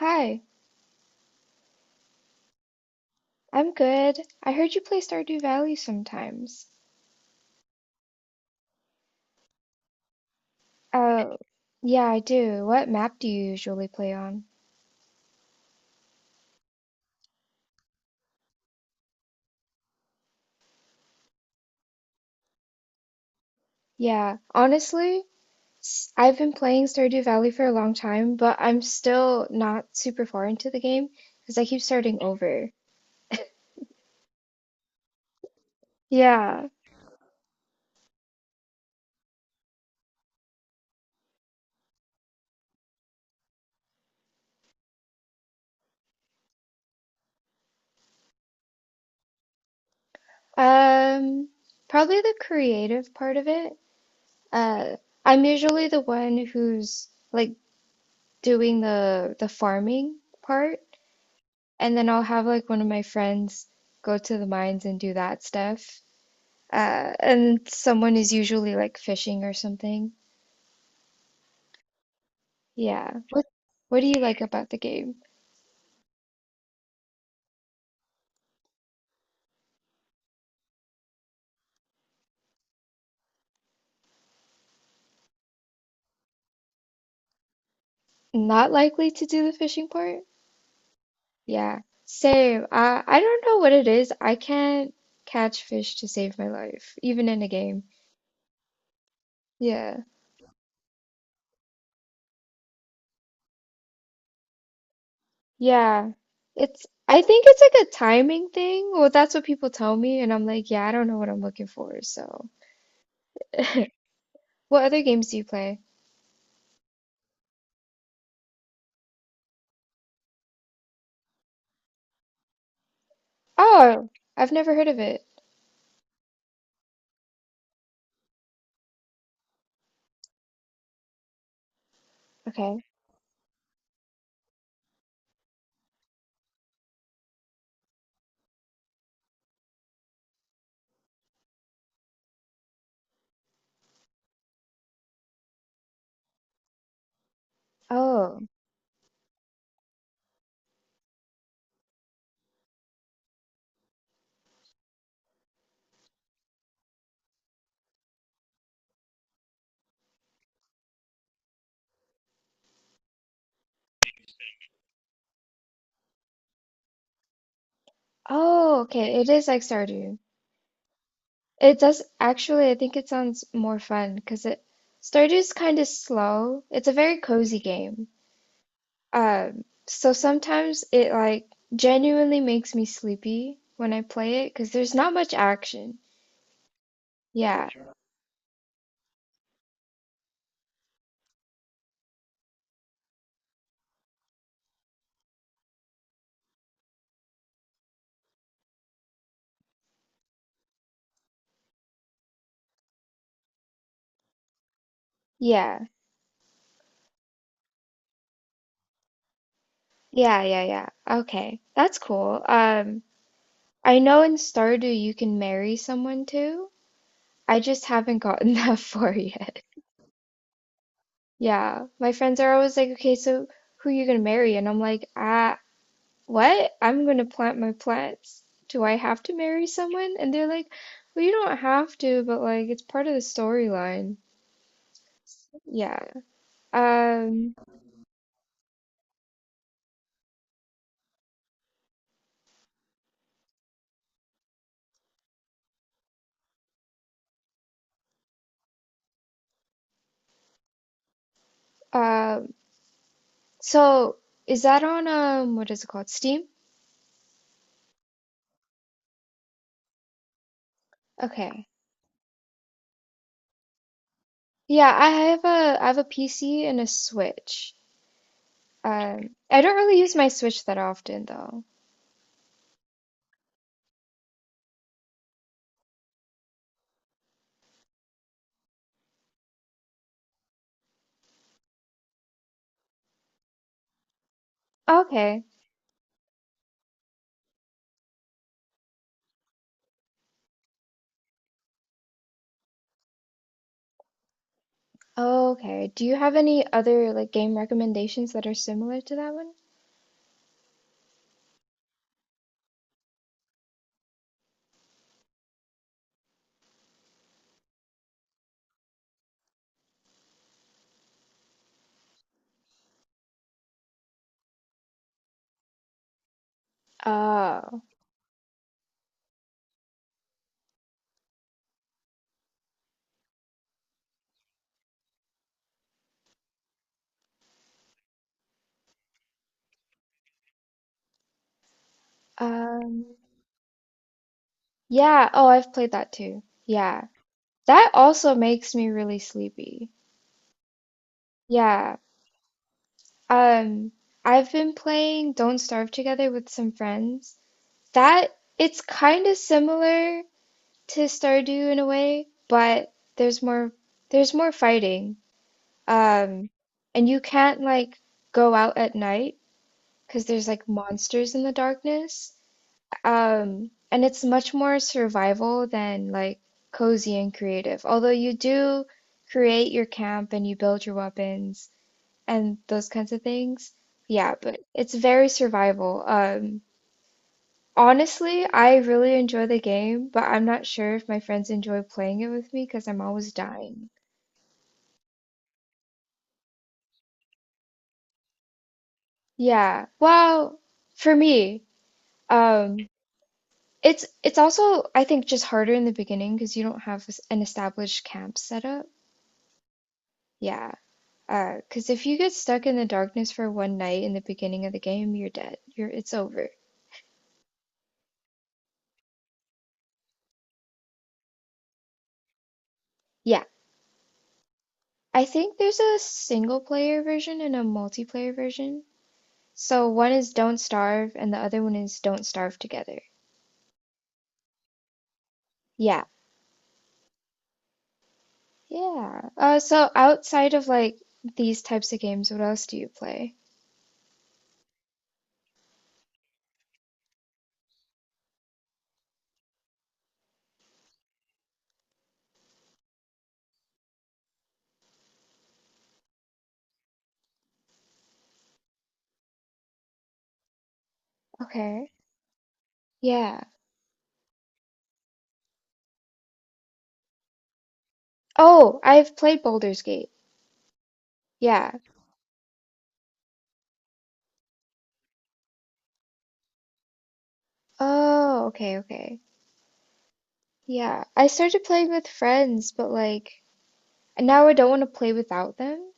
Hi, I'm good. I heard you play Stardew Valley sometimes. Oh, yeah, I do. What map do you usually play on? Yeah, honestly, I've been playing Stardew Valley for a long time, but I'm still not super far into the game because I keep starting over. Yeah, um, probably the creative part of it. Uh, I'm usually the one who's like doing the farming part. And then I'll have like one of my friends go to the mines and do that stuff. And someone is usually like fishing or something. Yeah. What do you like about the game? Not likely to do the fishing part? Yeah. Same. I don't know what it is. I can't catch fish to save my life, even in a game. Yeah. Yeah. It's I think it's like a timing thing. Well, that's what people tell me, and I'm like, yeah, I don't know what I'm looking for, so. What other games do you play? Oh, I've never heard of it. Okay. Oh. Oh, okay. It is like Stardew. It does actually, I think it sounds more fun because it Stardew's kind of slow. It's a very cozy game. So sometimes it like genuinely makes me sleepy when I play it because there's not much action. Yeah. Yeah. Yeah, yeah, yeah. Okay. That's cool. I know in Stardew you can marry someone too. I just haven't gotten that far yet. Yeah, my friends are always like, okay, so who are you gonna marry? And I'm like, ah, what? I'm gonna plant my plants. Do I have to marry someone? And they're like, well, you don't have to, but like, it's part of the storyline. Yeah. Um, um, so is that on, what is it called? Steam? Okay. Yeah, I have I have a PC and a Switch. I don't really use my Switch that often though. Okay. Oh, okay. Do you have any other like game recommendations that are similar to that one? Oh. Um, yeah. Oh, I've played that too. Yeah. That also makes me really sleepy. Yeah. Um, I've been playing Don't Starve Together with some friends. That It's kind of similar to Stardew in a way, but there's more there's more fighting. Um, and you can't like go out at night, because there's like monsters in the darkness. And it's much more survival than like cozy and creative. Although you do create your camp and you build your weapons and those kinds of things. Yeah, but it's very survival. Honestly, I really enjoy the game, but I'm not sure if my friends enjoy playing it with me because I'm always dying. Yeah. Well, for me, um, it's also I think just harder in the beginning because you don't have an established camp set up. Yeah, because if you get stuck in the darkness for one night in the beginning of the game, you're dead. You're It's over. Yeah, I think there's a single player version and a multiplayer version. So one is Don't Starve and the other one is Don't Starve Together. Yeah, yeah. So outside of like these types of games, what else do you play? Okay. Yeah. Oh, I've played Baldur's Gate. Yeah. Oh, okay, okay. Yeah. I started playing with friends, but like and now I don't want to play without them.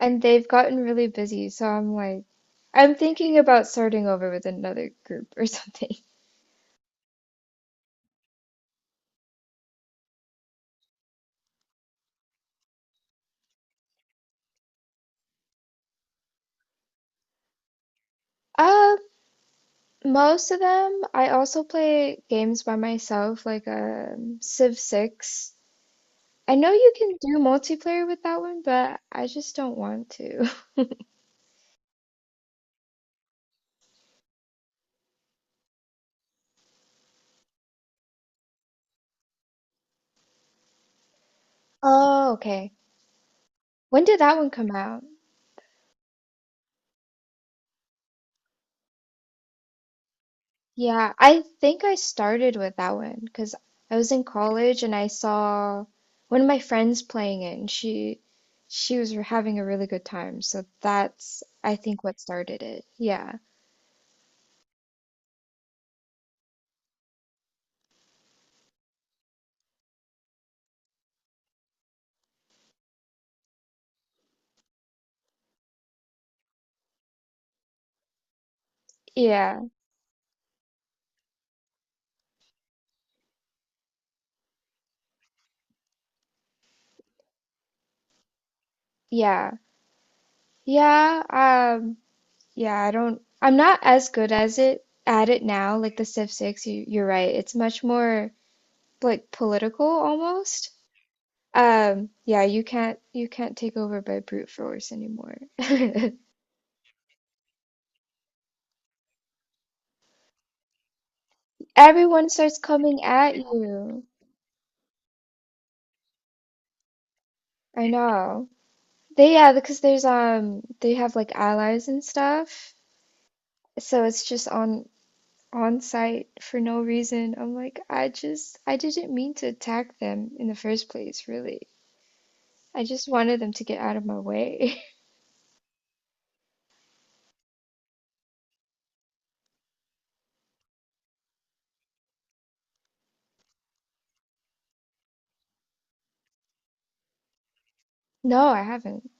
And they've gotten really busy, so I'm like I'm thinking about starting over with another group or something. Uh, most of them, I also play games by myself, like Civ 6. I know you can do multiplayer with that one, but I just don't want to. Oh, okay. When did that one come out? Yeah, I think I started with that one because I was in college and I saw one of my friends playing it and she was having a really good time. So that's I think what started it. Yeah. Yeah. Yeah. Yeah. Um yeah, I'm not as good as it at it now like the Civ 6 you're right. It's much more like political almost. Yeah, you can't take over by brute force anymore. Everyone starts coming at you. I know. They, yeah, because there's they have like allies and stuff. So it's just on site for no reason. I'm like, I just I didn't mean to attack them in the first place, really. I just wanted them to get out of my way. No, I haven't.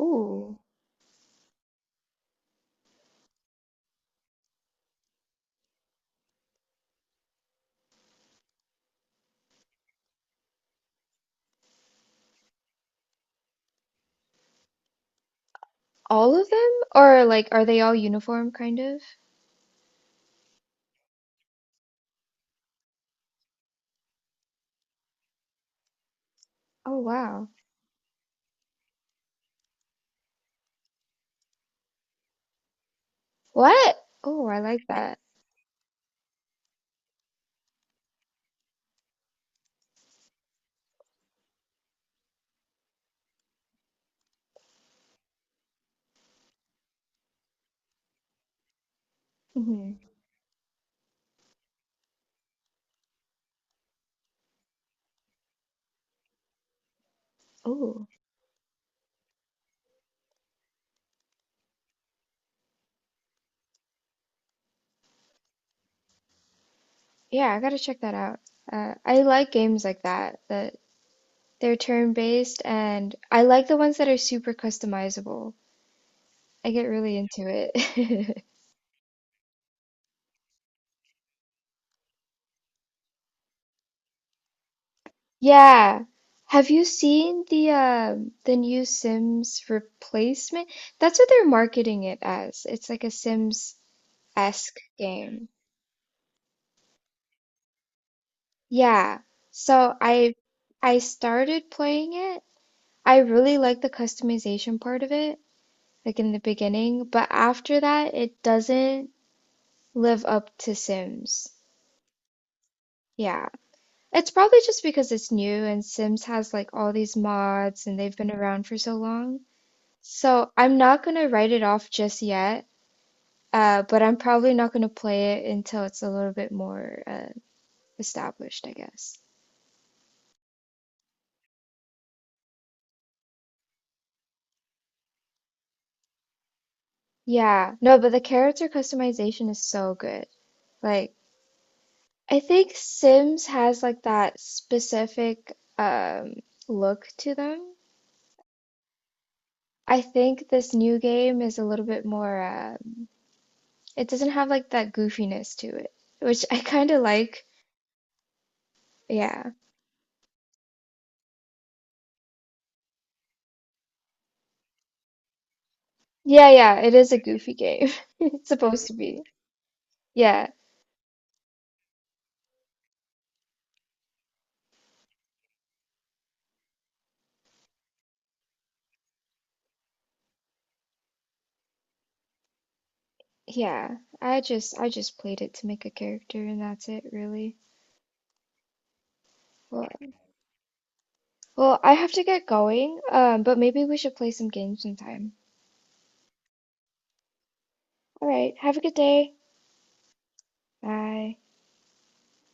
Ooh. All of them? Or like are they all uniform kind of? Oh wow. What? Oh, I like that. Hmm. Ooh. Yeah, I gotta check that out. I like games like that, that they're turn-based, and I like the ones that are super customizable. I get really into it. Yeah. Have you seen the new Sims replacement? That's what they're marketing it as. It's like a Sims-esque game. Yeah. So I started playing it. I really like the customization part of it, like in the beginning, but after that it doesn't live up to Sims. Yeah. It's probably just because it's new and Sims has like all these mods and they've been around for so long. So I'm not gonna write it off just yet, but I'm probably not gonna play it until it's a little bit more established, I guess. Yeah. No, but the character customization is so good. Like, I think Sims has like that specific look to them. I think this new game is a little bit more it doesn't have like that goofiness to it, which I kind of like. Yeah. Yeah, yeah, it is a goofy game. It's supposed to be. Yeah. Yeah. I just played it to make a character and that's it, really. Well, well, I have to get going, but maybe we should play some games sometime. All right, have a good day. Bye.